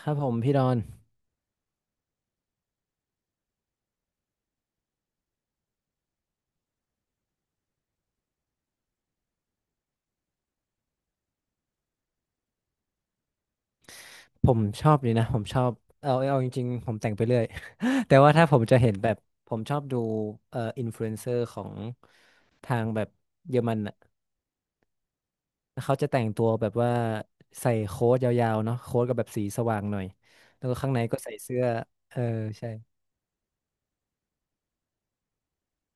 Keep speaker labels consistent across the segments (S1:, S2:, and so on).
S1: ครับผมพี่ดอนผมชอบเลยนะผมชอบเอาจริงๆผมแต่งไปเรื่อย แต่ว่าถ้าผมจะเห็นแบบผมชอบดูอินฟลูเอนเซอร์ของทางแบบเยอรมันอ่ะเขาจะแต่งตัวแบบว่าใส่โค้ทยาวๆเนาะโค้ทกับแบบสีสว่างหน่อยแล้วก็ข้างในก็ใส่เสื้อเออใช่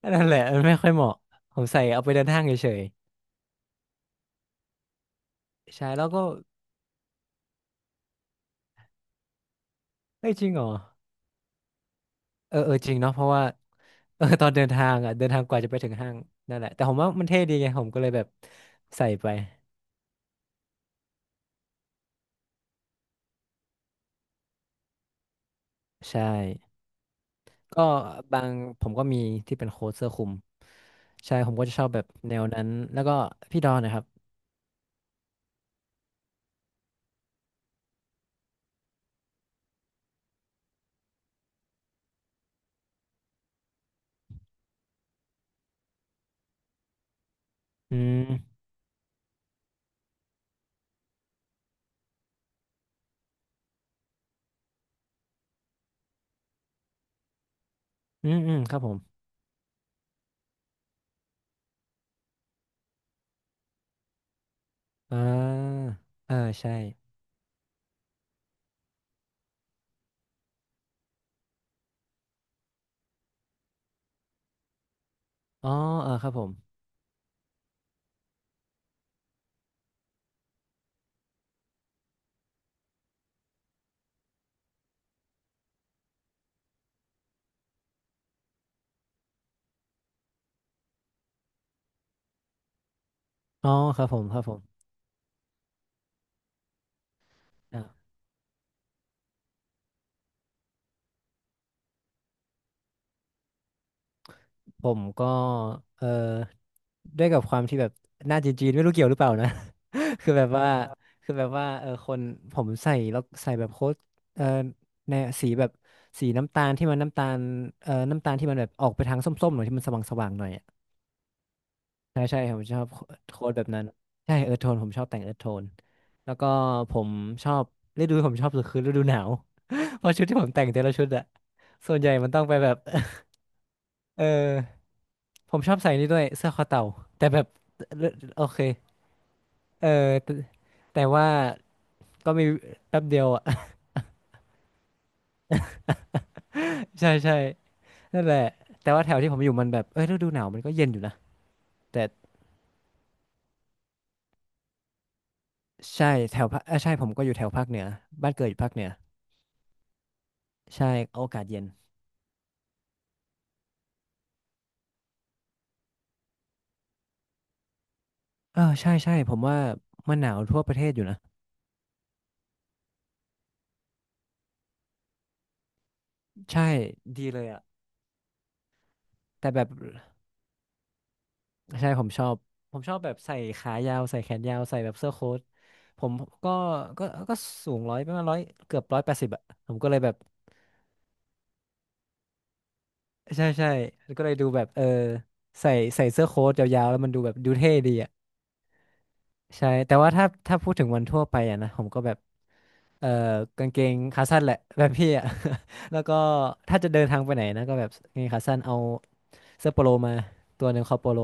S1: อันนั่นแหละมันไม่ค่อยเหมาะผมใส่เอาไปเดินห้างเฉยๆใช่แล้วก็เอ้ยจริงเหรอ เออเออจริงเนาะเพราะว่า เออตอนเดินทางอ่ะเดินทางกว่าจะไปถึงห้างนั่นแหละแต่ผมว่ามันเท่ดีไงผมก็เลยแบบใส่ไปใช่ก็บางผมก็มีที่เป็นโค้ทเสื้อคลุมใช่ผมก็จะชอบแบบแนวนั้นแล้วก็พี่ดอนนะครับอืมอืมอืมครับผมอ่าเออใช่อ๋อเออครับผมอ๋อครับผมครับผมอ่ะผมก็เออด้วยกับความที่แบบหน้าจีนๆไม่รู้เกี่ยวหรือเปล่านะ คือแบบว่าคือแบบว่าเออคนผมใส่แล้วใส่แบบโค้ดเออในสีแบบสีน้ำตาลที่มันน้ำตาลเออน้ำตาลที่มันแบบออกไปทางส้มๆหน่อยที่มันสว่างๆหน่อยอะใช่ใช่ผมชอบโค้ดแบบนั้นใช่เออโทนผมชอบแต่งเออโทนแล้วก็ผมชอบฤดูที่ผมชอบสุดคือฤดูหนาว เพราะชุดที่ผมแต่งแต่ละชุดอะส่วนใหญ่มันต้องไปแบบ เออผมชอบใส่นี่ด้วยเสื้อคอเต่าแต่แบบเอ่อโอเคเออแต่แต่ว่าก็มีแป๊บเดียวอะ ใช่ใช่ นั่นแหละแต่ว่าแถวที่ผมอยู่มันแบบเอ้ยฤดูหนาวมันก็เย็นอยู่นะ แต่ใช่แถวภาคเอยใช่ผมก็อยู่แถวภาคเหนือบ้านเกิดอยู่ภาคเหนือใช่โอกาสเย็น เออใช่ใช่ผมว่ามันหนาวทั่วประเทศอยู่นะ ใช่ดีเลยอะแต่แบบใช่ผมชอบแบบใส่ขายาวใส่แขนยาวใส่แบบเสื้อโค้ท ผมก็ก็ก็สูงร้อยประมาณร้อยเกือบ180อะผมก็เลยแบบใช่ใช่ก็เลยดูแบบเออใส่ใส่เสื้อโค้ทยาวๆแล้วมันดูแบบดูเท่ดีอะ ใช่แต่ว่าถ้าพูดถึงวันทั่วไปอะนะผมก็แบบเออกางเกงขาสั้นแหละ แบบพี่อะ แล้วก็ถ้าจะเดินทางไปไหนนะก็แบบกางเกงขาสั้นเอาเสื้อโปโลมาตัวหนึ่งคอโปโล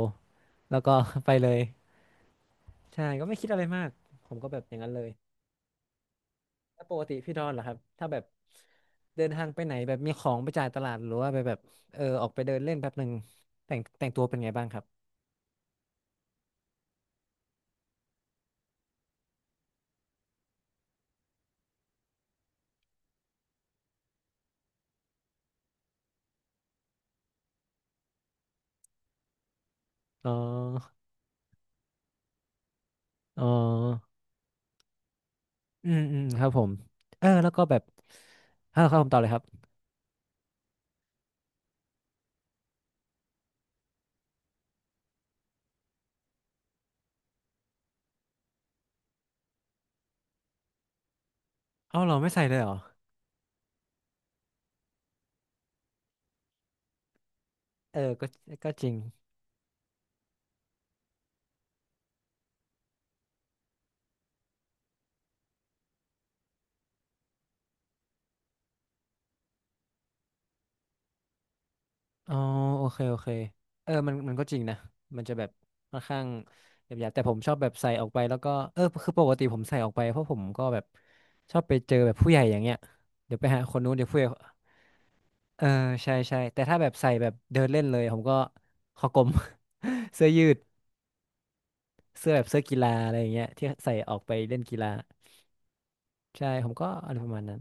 S1: แล้วก็ ไปเลยใช่ก็ไม่คิดอะไรมากผมก็แบบอย่างนั้นเลยแล้วปกติพี่ดอนเหรอครับถ้าแบบเดินทางไปไหนแบบมีของไปจ่ายตลาดหรือว่าไปแบบเออออกไปเดินเล่นแป๊บหนึ่งแต่งตัวเป็นไงบ้างครับอ๋ออ๋ออืมอืมครับผมเออแล้วก็แบบเออครับผมต่อเลยครับเอาเหรอไม่ใส่เลยเหรอ เออก็จริงอ๋อโอเคโอเคเออมันก็จริงนะมันจะแบบค่อนข้างแบบหยาบๆแต่ผมชอบแบบใส่ออกไปแล้วก็เออคือปกติผมใส่ออกไปเพราะผมก็แบบชอบไปเจอแบบผู้ใหญ่อย่างเงี้ยเดี๋ยวไปหาคนนู้นเดี๋ยวผู้ใหญ่เออใช่ใช่แต่ถ้าแบบใส่แบบเดินเล่นเลยผมก็คอกลม เสื้อยืดเสื้อแบบเสื้อกีฬาอะไรอย่างเงี้ยที่ใส่ออกไปเล่นกีฬาใช่ผมก็อะไรประมาณนั้น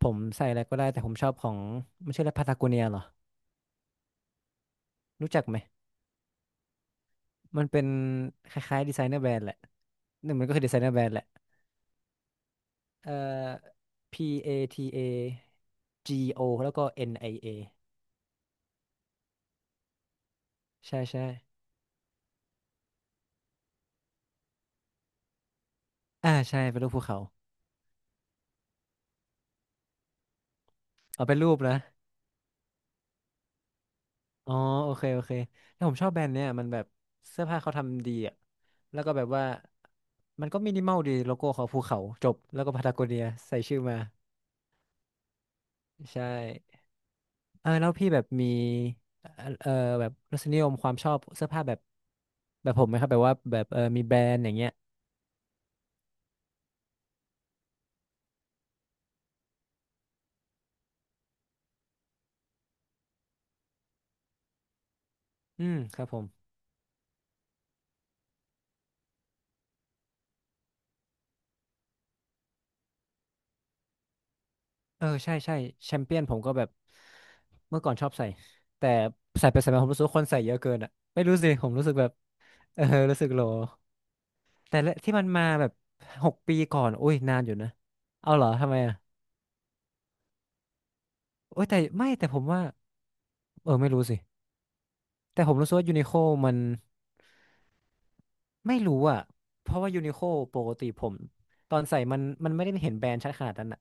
S1: ผมใส่อะไรก็ได้แต่ผมชอบของไม่ใช่แล้วพาตาโกเนียเหรอรู้จักไหมมันเป็นคล้ายๆดีไซเนอร์แบรนด์แหละ นั่นมันก็คือดีไซเนอร์แบรนด์แหละเอ่อ P A T A G O แล้วก็ N I A ใช่ใช่ อ่าใช่เป็นรูปภูเขาเอาเป็นรูปนะอ๋อโอเคโอเคแล้วผมชอบแบรนด์เนี่ยมันแบบเสื้อผ้าเขาทำดีอ่ะแล้วก็แบบว่ามันก็มินิมอลดีโลโก้เขาภูเขาจบแล้วก็พาตาโกเนียใส่ชื่อมาใช่เออแล้วพี่แบบมีเอ่อเอ่อแบบรสนิยมความชอบเสื้อผ้าแบบผมไหมครับแบบว่าแบบเออมีแบรนด์อย่างเงี้ยอืมครับผม เออใช่ใช่แชมเปี้ยนผมก็แบบเมื่อก่อนชอบใส่แต่ใส่ไปใส่มาผมรู้สึกว่าคนใส่เยอะเกินอ่ะไม่รู้สิผมรู้สึกแบบเออรู้สึกโหลแต่ละที่มันมาแบบ6 ปีก่อนอุ้ยนานอยู่นะเอาเหรอทำไมอ่ะโอ้ยแต่ไม่แต่ผมว่าเออไม่รู้สิแต่ผมรู้สึกว่ายูนิโคมันไม่รู้อ่ะเพราะว่ายูนิโคปกติผมตอนใส่มันไม่ได้เห็นแบรนด์ชัดขนาดนั้นอ่ะ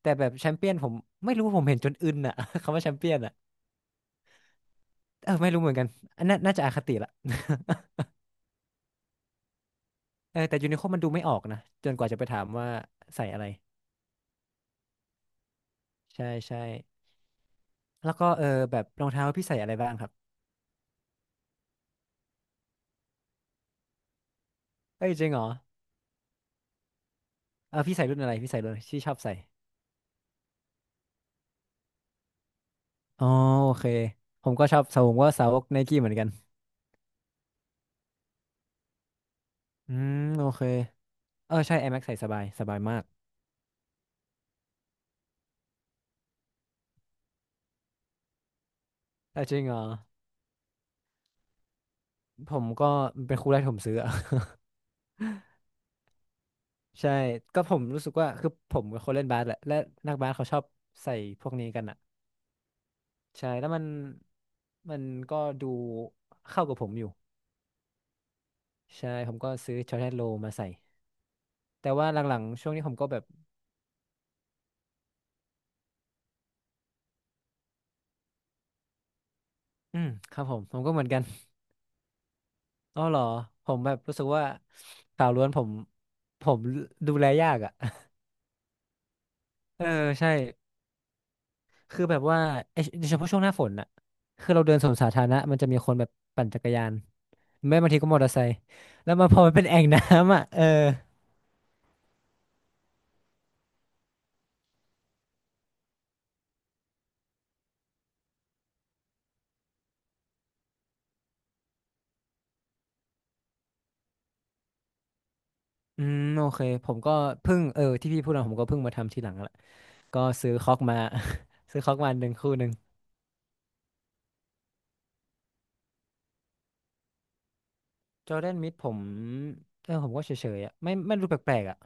S1: แต่แบบแชมเปี้ยนผมไม่รู้ผมเห็นจนอึนอ่ะ คำว่าแชมเปี้ยนอ่ะเออไม่รู้เหมือนกันอันนั้นน่าจะอคติละ เออแต่ยูนิโคมันดูไม่ออกนะจนกว่าจะไปถามว่าใส่อะไรใช่ใช่แล้วก็แบบรองเท้าพี่ใส่อะไรบ้างครับเอ้ยจริงเหรอเออพี่ใส่รุ่นที่ชอบใส่อ๋อโอเคผมก็ชอบสาวผมก็สาวกไนกี้เหมือนกันอืมโอเคเออใช่ Air Max ใส่สบายสบายมากเออจริงเหรอผมก็เป็นคู่แรกที่ผมซื้ออะ ใช่ก็ผมรู้สึกว่าคือผมเป็นคนเล่นบาสแหละและนักบาสเขาชอบใส่พวกนี้กันอะใช่แล้วมันก็ดูเข้ากับผมอยู่ ใช่ผมก็ซื้อช็อตแททโลมาใส่แต่ว่าหลังๆช่วงนี้ผมก็แบบอืมครับผมก็เหมือนกันอ๋อเหรอผมแบบรู้สึกว่าข่าวล้วนผมดูแลยากอ่ะ เออใช่คือแบบว่าเอยโดยเฉพาะช่วงหน้าฝนอ่ะคือเราเดินสวนสาธารณะมันจะมีคนแบบปั่นจักรยานแม้บางทีก็มอเตอร์ไซค์แล้วมันพอมันเป็นแอ่งน้ำอ่ะ เอออืมโอเคผมก็เพิ่งที่พี่พูดมาผมก็เพิ่งมาทำทีหลังแหละก็ซื้อคอกมา ซื้อคอกมาหนึ่งคู่หนึ่ง จอร์แดนมิดผมเออผมก็เฉยๆอ่ะไม่รู้แปลกๆอ่ะ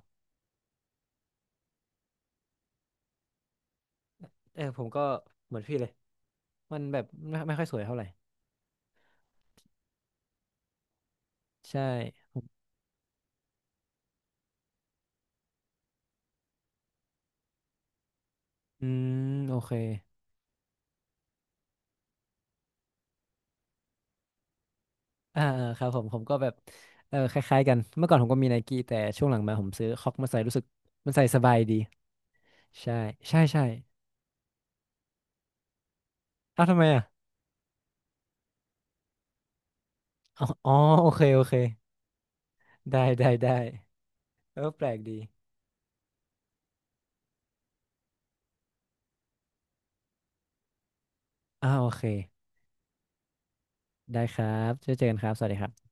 S1: เออผมก็เหมือนพี่เลยมันแบบไม่ค่อยสวยเท่าไหร่ใช่ผมอืมโอเคอ่าอ่าครับผมก็แบบเออคล้ายๆกันเมื่อก่อนผมก็มีไนกี้แต่ช่วงหลังมาผมซื้อคอกมาใส่รู้สึกมันใส่สบายดีใช่ใช่ใช่เอ้าวทำไมอ่ะอ๋ออ๋อโอเคโอเคได้ได้ได้เออแปลกดีอ้าวโอเคได้ครับเจอกันครับสวัสดีครับ